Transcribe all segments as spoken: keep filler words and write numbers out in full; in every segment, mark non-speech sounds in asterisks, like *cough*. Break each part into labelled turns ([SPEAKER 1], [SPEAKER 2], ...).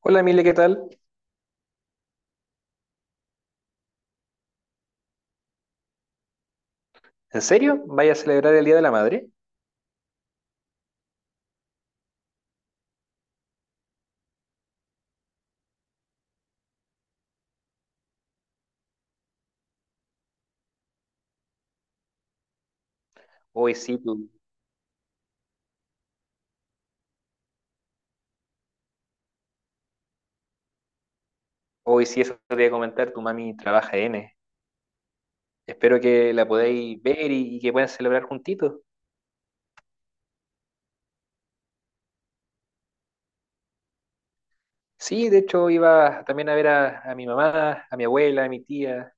[SPEAKER 1] Hola Emilia, ¿qué tal? ¿En serio? ¿Vaya a celebrar el Día de la Madre? Hoy sí, tu- hoy sí, eso te voy a comentar, tu mami trabaja N. Espero que la podáis ver y, y que puedan celebrar juntitos. Sí, de hecho iba también a ver a, a mi mamá, a mi abuela, a mi tía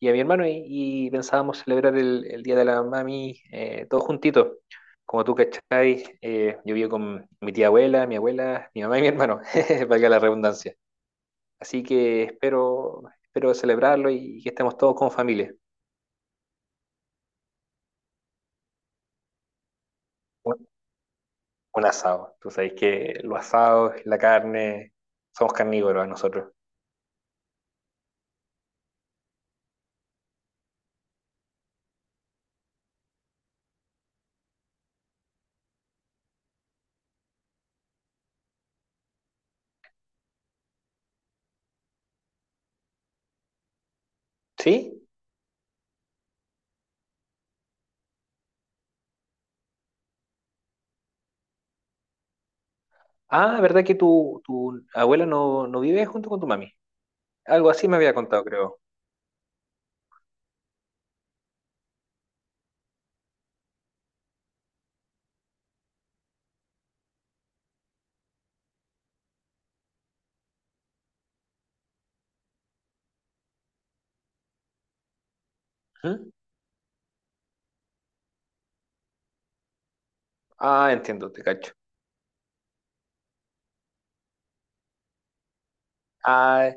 [SPEAKER 1] y a mi hermano y, y pensábamos celebrar el, el Día de la Mami eh, todos juntitos. Como tú cachai, eh, yo vivo con mi tía abuela, mi abuela, mi mamá y mi hermano, *laughs* valga la redundancia. Así que espero, espero celebrarlo y que estemos todos como familia. Un, un asado. Tú sabes que los asados, la carne, somos carnívoros nosotros. ¿Sí? Ah, ¿verdad que tu, tu abuela no, no vive junto con tu mami? Algo así me había contado, creo. ¿Mm? Ah, entiendo, te cacho. Ah,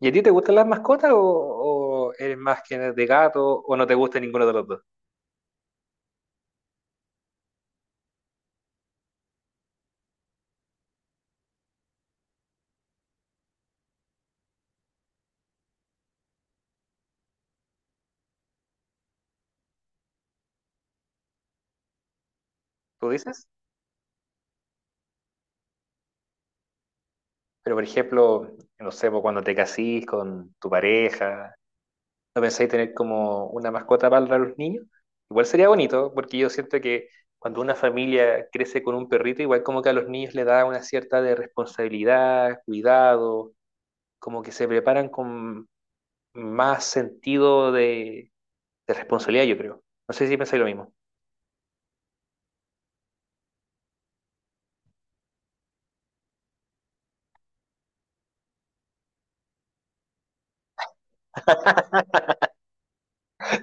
[SPEAKER 1] ¿y a ti te gustan las mascotas o, o eres más que de gato o no te gusta ninguno de los dos? ¿Tú dices? Pero, por ejemplo, no sé, pues, cuando te casís con tu pareja, ¿no pensáis tener como una mascota para los niños? Igual sería bonito, porque yo siento que cuando una familia crece con un perrito, igual como que a los niños le da una cierta de responsabilidad, cuidado, como que se preparan con más sentido de, de responsabilidad, yo creo. No sé si pensáis lo mismo.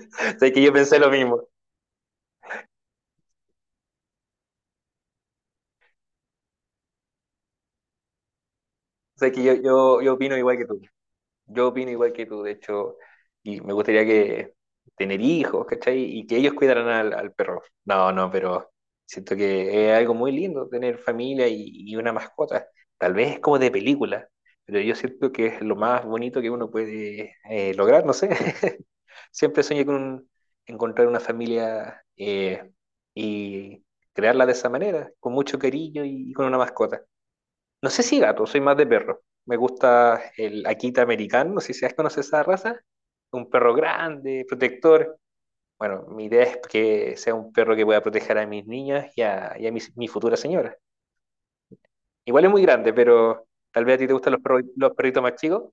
[SPEAKER 1] *laughs* Sé que yo pensé lo mismo. Sé que yo, yo, yo opino igual que tú. Yo opino igual que tú, de hecho, y me gustaría que tener hijos, ¿cachai? Y que ellos cuidaran al, al perro. No, no, pero siento que es algo muy lindo tener familia y, y una mascota. Tal vez es como de película, pero yo siento que es lo más bonito que uno puede eh, lograr, no sé. *laughs* Siempre soñé con un- Encontrar una familia eh, y crearla de esa manera, con mucho cariño y con una mascota. No sé si gato, soy más de perro. Me gusta el Akita americano, no sé si has conocido esa raza. Un perro grande, protector. Bueno, mi idea es que sea un perro que pueda proteger a mis niñas y a, y a mis- mi, futura señora. Igual es muy grande, pero tal vez a ti te gustan los perros, los perritos más chicos.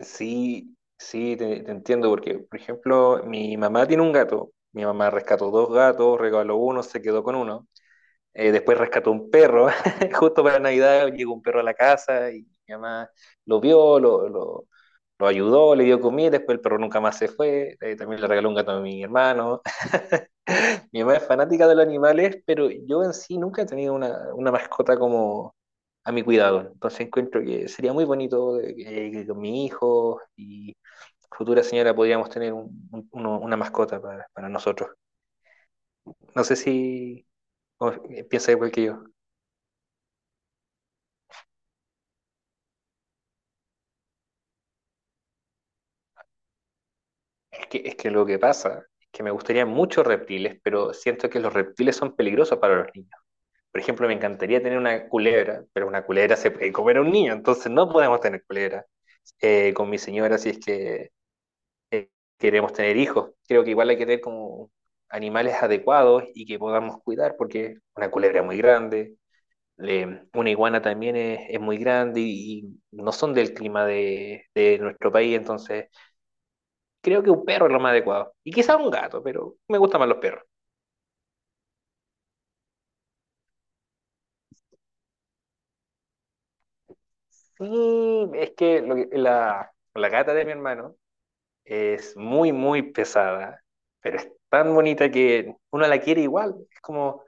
[SPEAKER 1] Sí, sí, te, te entiendo, porque, por ejemplo, mi mamá tiene un gato. Mi mamá rescató dos gatos, regaló uno, se quedó con uno. Eh, después rescató un perro, *laughs* justo para Navidad llegó un perro a la casa y mi mamá lo vio, lo, lo, lo ayudó, le dio comida, después el perro nunca más se fue, eh, también le regaló un gato a mi hermano. *laughs* Mi mamá es fanática de los animales, pero yo en sí nunca he tenido una, una mascota como a mi cuidado, entonces encuentro que sería muy bonito de que, que con mi hijo y futura señora podríamos tener un, un, uno- una mascota para, para nosotros. No sé si o- piensa igual que yo. Es que, es que lo que pasa es que me gustaría muchos reptiles, pero siento que los reptiles son peligrosos para los niños. Por ejemplo, me encantaría tener una culebra, pero una culebra se puede comer a un niño, entonces no podemos tener culebra. Eh, con mi señora, si es que eh, queremos tener hijos, creo que igual hay que tener como animales adecuados y que podamos cuidar, porque una culebra es muy grande, le- una iguana también es, es muy grande y, y no son del clima de, de nuestro país, entonces creo que un perro es lo más adecuado. Y quizá un gato, pero me gustan más los perros. Y es que, lo que- la, la gata de mi hermano es muy, muy pesada, pero es tan bonita que uno la quiere igual. Es como,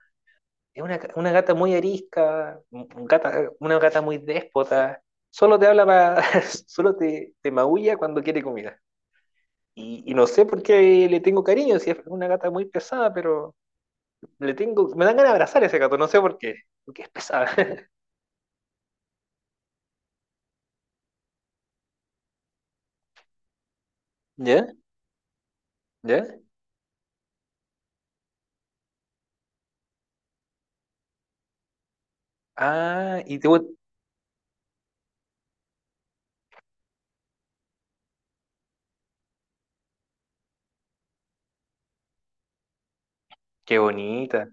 [SPEAKER 1] Es una, una gata muy arisca, un- un gata, una gata muy déspota. Solo te habla para, *laughs* solo te, te maulla cuando quiere comida. Y, y no sé por qué le tengo cariño, si es una gata muy pesada, pero le tengo, me dan ganas de abrazar a ese gato, no sé por qué, porque es pesada. *laughs* ¿Ya? ¿Ya? Ah, y te... gu- Qué bonita.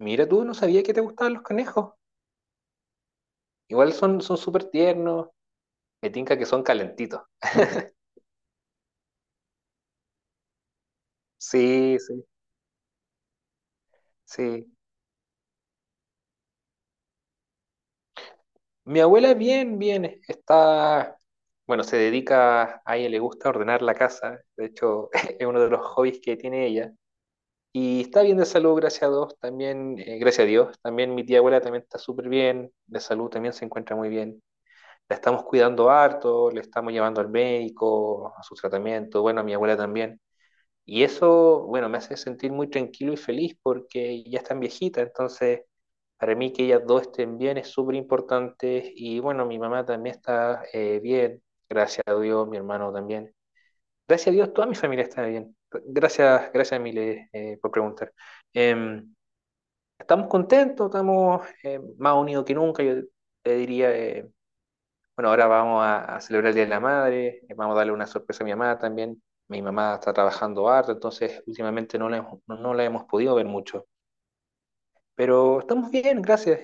[SPEAKER 1] Mira, tú no sabía que te gustaban los conejos. Igual son son súper tiernos. Me tinca que son calentitos. Sí, sí, sí. Mi abuela bien, bien. Está, bueno, se dedica, a ella le gusta ordenar la casa. De hecho, *laughs* es uno de los hobbies que tiene ella. Y está bien de salud, gracias a Dios, también, eh, gracias a Dios. También mi tía abuela también está súper bien, de salud también se encuentra muy bien. La estamos cuidando harto, le estamos llevando al médico, a su tratamiento, bueno, a mi abuela también. Y eso, bueno, me hace sentir muy tranquilo y feliz porque ya están viejitas, entonces para mí que ellas dos estén bien es súper importante y bueno, mi mamá también está eh, bien, gracias a Dios, mi hermano también. Gracias a Dios, toda mi familia está bien. Gracias, gracias Emile eh, por preguntar. Em, Estamos contentos, estamos eh, más unidos que nunca, yo te diría, eh, bueno, ahora vamos a, a celebrar el Día de la Madre, eh, vamos a darle una sorpresa a mi mamá también. Mi mamá está trabajando harto, entonces últimamente no la hemos, no, no la hemos podido ver mucho. Pero estamos bien, gracias.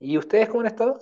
[SPEAKER 1] ¿Y ustedes cómo han estado?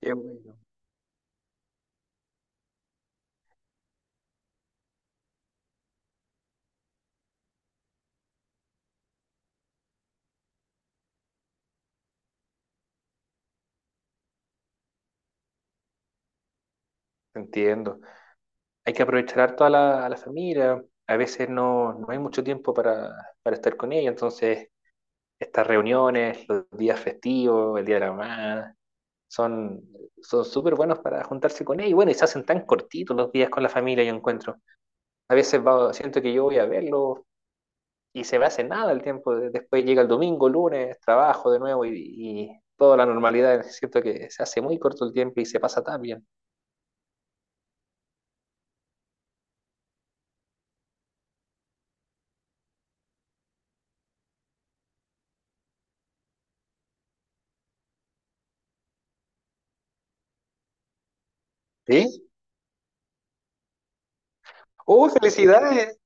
[SPEAKER 1] Qué bueno. Entiendo. Hay que aprovechar harto a la, a la familia. A veces no, no hay mucho tiempo para, para estar con ella, entonces estas reuniones, los días festivos, el Día de la Madre, son son súper buenos para juntarse con ella. Y bueno, y se hacen tan cortitos los días con la familia, yo encuentro. A veces va- siento que yo voy a verlo y se me hace nada el tiempo. de- Después llega el domingo, lunes, trabajo de nuevo y, y toda la normalidad. Siento que se hace muy corto el tiempo y se pasa tan bien. ¿Sí? ¡Oh, felicidades!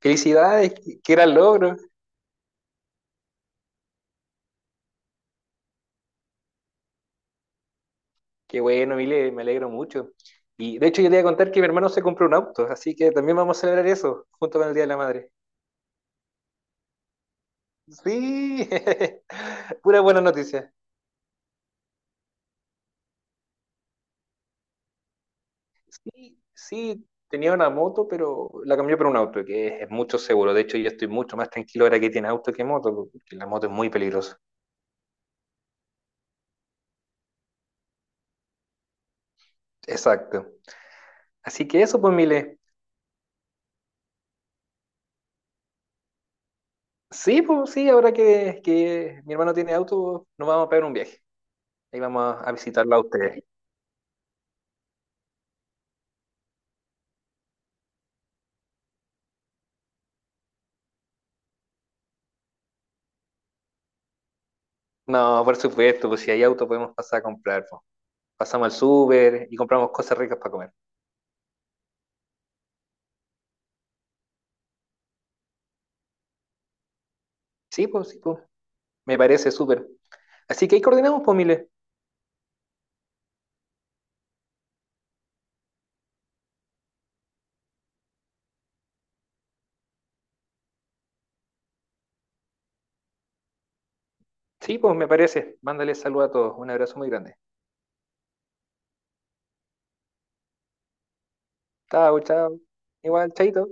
[SPEAKER 1] ¡Felicidades! ¡Qué qué gran logro! ¡Qué bueno, Mile! Me alegro mucho. Y de hecho, yo te iba a contar que mi hermano se compró un auto, así que también vamos a celebrar eso junto con el Día de la Madre. ¡Sí! *laughs* Pura buena noticia. Sí, sí, tenía una moto, pero la cambié por un auto, que es, es mucho seguro. De hecho, yo estoy mucho más tranquilo ahora que tiene auto que moto, porque la moto es muy peligrosa. Exacto. Así que eso, pues, Mile. Sí, pues sí, ahora que, que mi hermano tiene auto, nos vamos a pegar un viaje. Ahí vamos a, a visitarlo a ustedes. No, por supuesto, pues si hay auto podemos pasar a comprar, pues. Pasamos al súper y compramos cosas ricas para comer. Sí, pues sí, pues. Me parece súper. Así que ahí coordinamos, pues, Mile. Sí, pues me parece. Mándale saludo a todos. Un abrazo muy grande. Chao, chao. Igual, chaito.